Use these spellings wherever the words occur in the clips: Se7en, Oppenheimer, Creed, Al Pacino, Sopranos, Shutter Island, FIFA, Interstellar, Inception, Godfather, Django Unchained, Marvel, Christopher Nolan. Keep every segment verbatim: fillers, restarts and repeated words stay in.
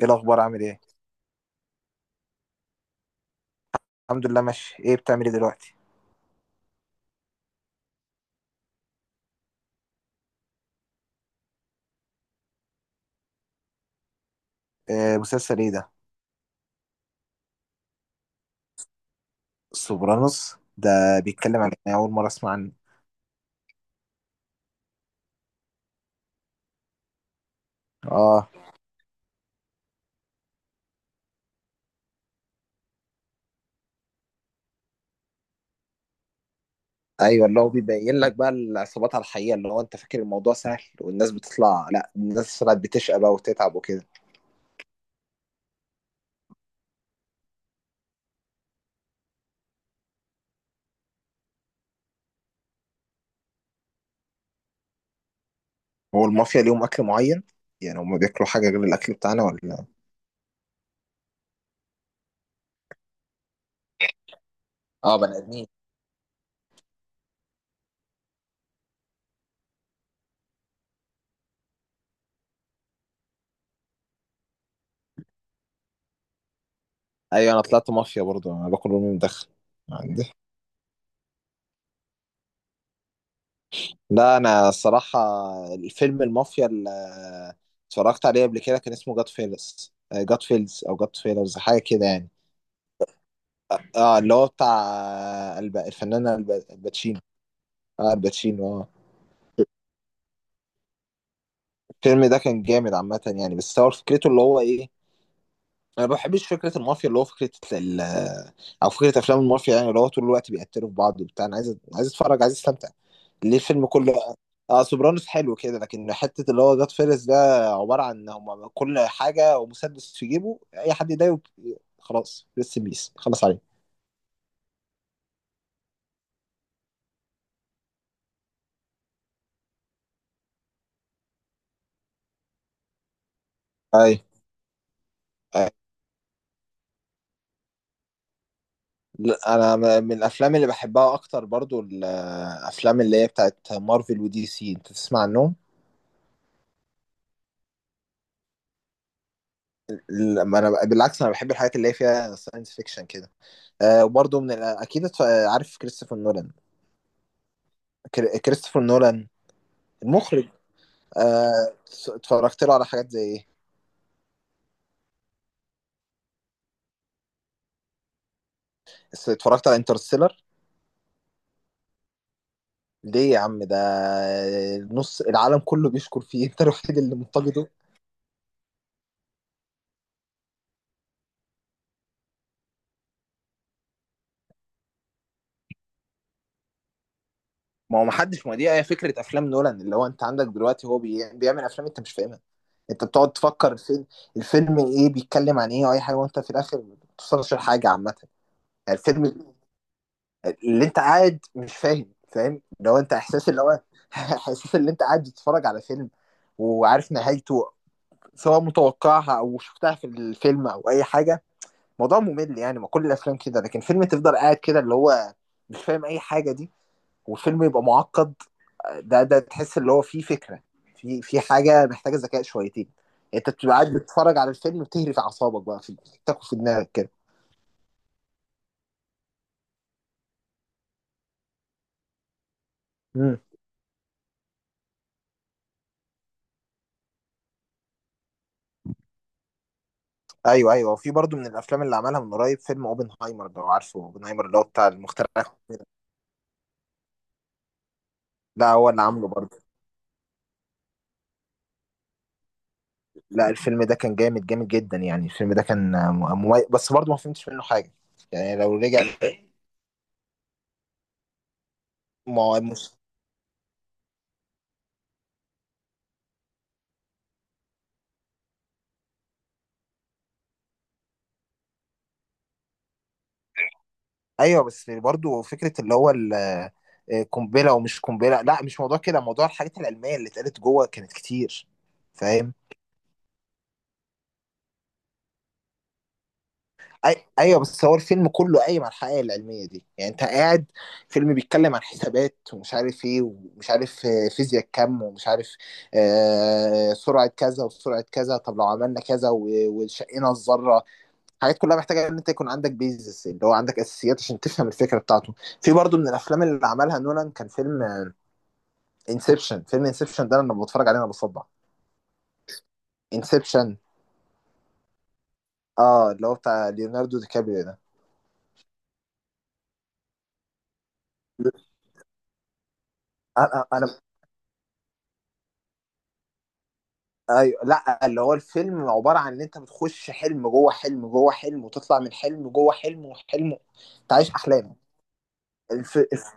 ايه الاخبار؟ عامل ايه؟ الحمد لله، ماشي. ايه بتعمل ايه دلوقتي؟ آه، مسلسل ايه ده؟ سوبرانوس ده؟ بيتكلم عن ايه؟ اول مره اسمع عنه. اه. ايوه، اللي هو بيبين لك بقى العصابات على الحقيقه، اللي هو انت فاكر الموضوع سهل والناس بتطلع، لا، الناس طلعت بتشقى بقى وتتعب وكده. هو المافيا ليهم اكل معين؟ يعني هم بياكلوا حاجه غير الاكل بتاعنا ولا؟ اه، بني ادمين. ايوه، انا طلعت مافيا برضه، انا باكل امي مدخن. عندي. لا، انا الصراحه الفيلم المافيا اللي اتفرجت عليه قبل كده كان اسمه جاد فيلز، جاد فيلز او جاد فيلرز، حاجه كده يعني. اه، اللي هو بتاع الب- الفنان الب- الباتشينو. اه، الباتشينو، اه. الفيلم ده كان جامد عامه يعني، بس هو فكرته اللي هو ايه؟ انا ما بحبش فكره المافيا، اللي هو فكره ال- او فكره افلام المافيا يعني، اللي هو طول الوقت بيقتلوا في بعض وبتاع. انا عايز عايز اتفرج، عايز استمتع. ليه الفيلم كله؟ اه، سوبرانوس حلو كده، لكن حته اللي هو جاد فيرس ده عباره عن ان هم كل حاجه ومسدس في جيبه، اي حد يضايقه خلاص لسه بيس خلاص عليه. اي. أي. لا، انا م- من الافلام اللي بحبها اكتر، برضو الافلام اللي هي بتاعت مارفل ودي سي. انت تسمع عنهم؟ لما انا بالعكس، انا بحب الحاجات اللي هي فيها ساينس فيكشن كده. آه، وبرضو من ال- اكيد اتف- عارف كريستوفر نولان؟ كر- كريستوفر نولان. المخرج. آه، اتفرجت له على حاجات زي ايه؟ اتفرجت على انترستيلر. ليه يا عم؟ ده نص العالم كله بيشكر فيه. انت الوحيد اللي منتقده. ما هو محدش، ما دي هي فكرة افلام نولان، اللي هو انت عندك دلوقتي، هو بي... بيعمل افلام انت مش فاهمها. انت بتقعد تفكر الفيلم. الفيلم ايه، بيتكلم عن ايه، واي حاجة، وانت في الاخر ما بتوصلش لحاجة عامة. يعني الفيلم اللي انت قاعد مش فاهم، فاهم اللي هو انت احساس اللي هو احساس اللي انت قاعد بتتفرج على فيلم. وعارف نهايته. سواء متوقعها او شفتها في الفيلم او اي حاجة. موضوع ممل يعني، ما كل الافلام كده، لكن فيلم تفضل قاعد كده اللي هو مش فاهم اي حاجه دي. وفيلم يبقى معقد، ده ده تحس اللي هو فيه فكره. في في حاجه محتاجه ذكاء شويتين. يعني انت بتبقى قاعد بتتفرج على الفيلم بتهري في اعصابك بقى، في بتاخد في دماغك كده. مم. ايوه، ايوه، وفي برضو من الافلام اللي عملها من قريب فيلم اوبنهايمر، لو عارفه اوبنهايمر اللي هو بتاع المخترع. كده. لا، هو اللي عامله برضو. لا، الفيلم ده كان جامد جامد جدا يعني، الفيلم ده كان مميز، بس برضو ما فهمتش منه حاجه. يعني لو رجع. ما مش. ايوه، بس برضو فكره اللي هو ال- آه، قنبله ومش قنبله، لا مش موضوع كده، موضوع الحاجات العلميه اللي اتقالت جوه كانت كتير. فاهم. أي... ايوه، بس هو الفيلم كله قايم على الحقائق العلميه دي، يعني انت قاعد. فيلم بيتكلم عن حسابات ومش عارف ايه، ومش عارف آه، فيزياء كم، ومش عارف. آه سرعه كذا وسرعه كذا، طب لو عملنا كذا و... وشقينا الذره. الحاجات كلها محتاجه ان انت يكون عندك بيزس، اللي هو عندك اساسيات، عشان تفهم الفكره بتاعته. في برضو من الافلام اللي عملها نولان كان فيلم انسبشن. فيلم انسبشن ده لما بتفرج عليه انا بصدع. انسبشن. اه، اللي هو بتاع ليوناردو دي كابريو ده. انا انا ايوه، لا، اللي هو الفيلم عباره عن ان انت بتخش حلم جوه حلم جوه حلم، وتطلع من حلم جوه حلم وحلم. انت عايش احلام. الف... الف-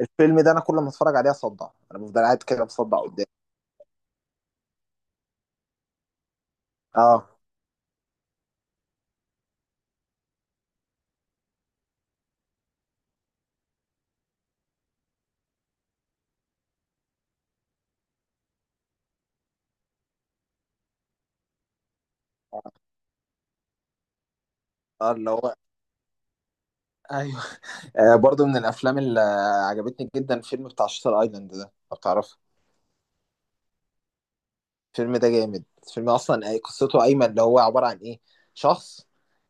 الفيلم ده انا كل ما اتفرج عليه اصدع، انا بفضل قاعد كده بصدع قدام. اه. اه. اللي هو. ايوه. آه برضو من الافلام اللي عجبتني جدا الفيلم بتاع شاتر ايلاند ده، لو تعرفه. الفيلم ده جامد، الفيلم اصلا قصته ايمن، اللي هو عباره عن ايه؟ شخص.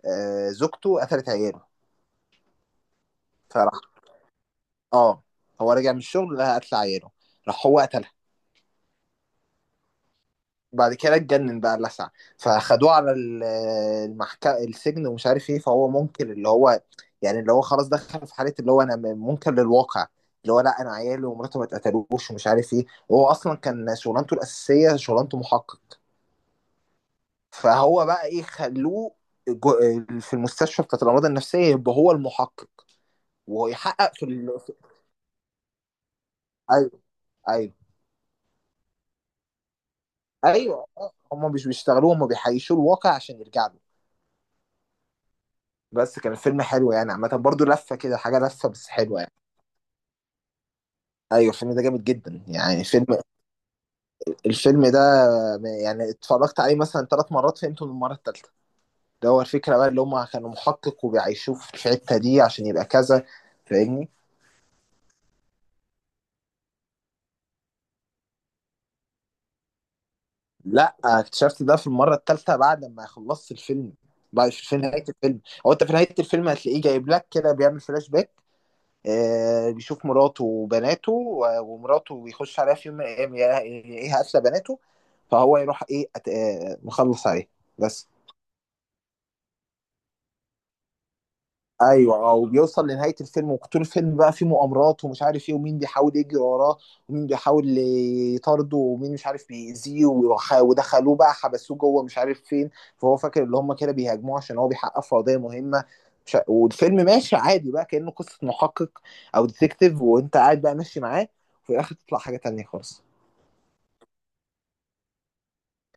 آه، زوجته قتلت عياله. فراح. اه. هو رجع من الشغل، لقى قتل عياله. راح هو قتلها. بعد كده اتجنن بقى اللسع. فخدوه على ال- المحكمة، السجن ومش عارف ايه، فهو منكر اللي هو. يعني اللي هو خلاص دخل في حالة اللي هو انا منكر للواقع. اللي هو لا، انا عيالي ومراته ما اتقتلوش ومش عارف ايه، وهو اصلا كان شغلانته الاساسية، شغلانته محقق. فهو بقى ايه، خلوه جو- في المستشفى بتاعت الامراض النفسيه، يبقى هو المحقق. ويحقق في ال... في- ايوه، ايوه، ايوه. هم مش بيشتغلوا، هم بيحيشوا الواقع عشان يرجع له. بس كان الفيلم حلو يعني عامه برضو، لفه كده حاجه لفه بس حلوه يعني. ايوه، الفيلم ده جامد جدا يعني، فيلم. الفيلم ده. يعني اتفرجت عليه مثلا ثلاث مرات، فهمته من المره الثالثه. ده هو الفكره بقى، اللي هم كانوا محقق وبيعيشوه في الحته دي عشان يبقى كذا. فاهمني؟ لا، اكتشفت ده في المره الثالثه بعد ما خلصت الفيلم. بعد في نهايه الفيلم. هو انت في نهايه الفيلم هتلاقيه جايب لك كده بيعمل فلاش باك. آه بيشوف مراته وبناته و- ومراته، بيخش عليها في يوم من الايام، يا- يا- ايه، قاتله بناته. فهو يروح ايه أت... آه مخلص عليه. بس. ايوه، اه، وبيوصل لنهايه الفيلم، وطول الفيلم بقى فيه مؤامرات ومش عارف ايه، ومين بيحاول يجري وراه. ومين بيحاول. يطارده، ومين مش عارف بيأذيه، وخ- ودخلوه بقى حبسوه جوه مش عارف فين. فهو فاكر اللي هم كده بيهاجموه عشان هو بيحقق في قضيه مهمه. مش ع- والفيلم ماشي عادي بقى كأنه قصه محقق. او ديتكتيف، وانت قاعد بقى ماشي معاه. وفي الاخر تطلع حاجه تانية خالص.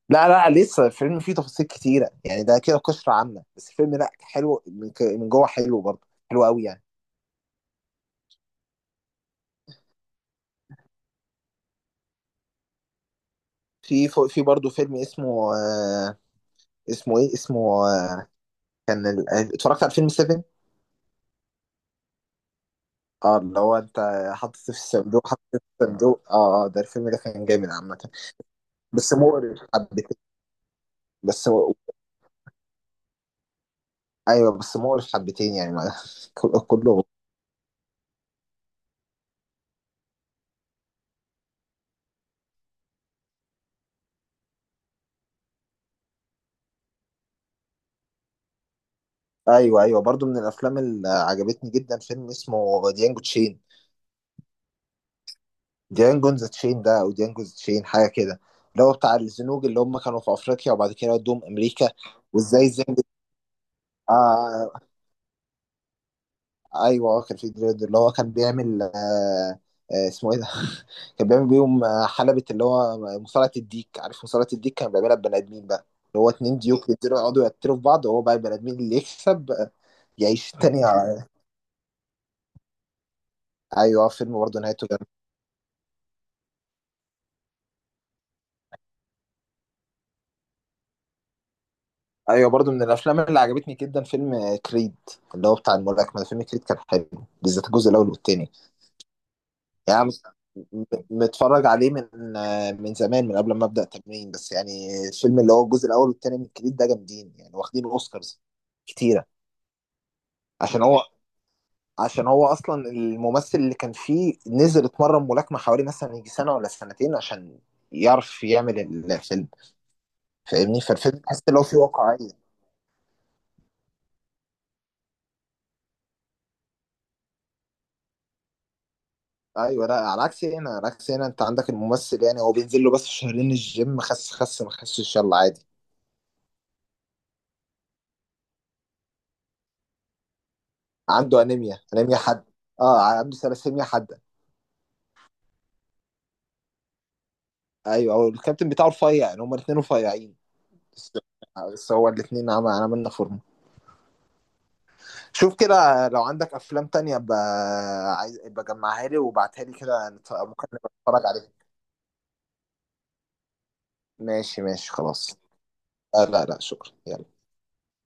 لا، لا، لسه الفيلم فيه تفاصيل كتيره يعني، ده كده قشره عامه، بس الفيلم لا حلو، من ك- من جوه حلو برضه، حلو قوي يعني. في في برضه فيلم اسمه آه اسمه ايه؟ اسمه. آه كان ال- آه، اتفرجت على فيلم سبعة. اه، اللي هو انت حاطط في الصندوق، حاطط في الصندوق، اه، اه، ده الفيلم ده كان جامد عامة. بس مقرف حبتين. بس هو-. ايوه، بس مقرف حبتين يعني، ما كل- كله ايوه، ايوه، برضه من الافلام اللي عجبتني جدا فيلم اسمه ديانجو تشين. ديانجو ذا تشين ده، او ديانجو ذا تشين، حاجة كده. اللي هو بتاع الزنوج اللي هم كانوا في افريقيا، وبعد كده ودوهم امريكا. وازاي الزنجة. آه. ايوه، آه، كان في دريد اللي هو كان بيعمل آه آه اسمه ايه ده؟ كان بيعمل بيهم آه، حلبة اللي هو مصارعة الديك، عارف مصارعة الديك، كان بيعملها ببني ادمين بقى. اللي هو اتنين ديوك يقدروا يقعدوا يقتلوا في بعض، وهو بقى البني ادمين اللي يكسب آه، يعيش التاني ع- ايوه، فيلم برضه نهايته جامد. ايوه، برضه من الافلام اللي عجبتني جدا فيلم آه، كريد. اللي هو بتاع الملاكمة، فيلم كريد كان حلو. بالذات الجزء الاول والتاني. يعني. م- متفرج عليه من آه، من زمان من قبل ما ابدا تمرين، بس يعني الفيلم اللي هو الجزء الاول والتاني من الكريد ده جامدين يعني، واخدين اوسكارز. كتيره. عشان هو. عشان هو اصلا الممثل اللي كان فيه نزل اتمرن ملاكمه حوالي مثلا يجي سنه ولا سنتين عشان. يعرف يعمل. الفيلم. فاهمني؟ فالفيلم تحس ان هو فيه واقعيه. ايوه، لا، على عكس هنا، على عكس هنا، انت عندك الممثل يعني هو بينزل له بس شهرين الجيم، خس خس، ما خسش، يلا عادي. عنده انيميا، انيميا، حد. اه، عنده ثلاسيميا، حد. ايوه، هو الكابتن بتاعه رفيع يعني، هما الاثنين رفيعين. بس. بس هو الاثنين عمل عملنا فورمه. شوف كده، لو عندك افلام تانية ب... عايز، بجمعها لي وبعتها لي كده، نت- ممكن نبقى نتفرج عليها. ماشي، ماشي، خلاص. آه، لا، لا، شكرا، يلا.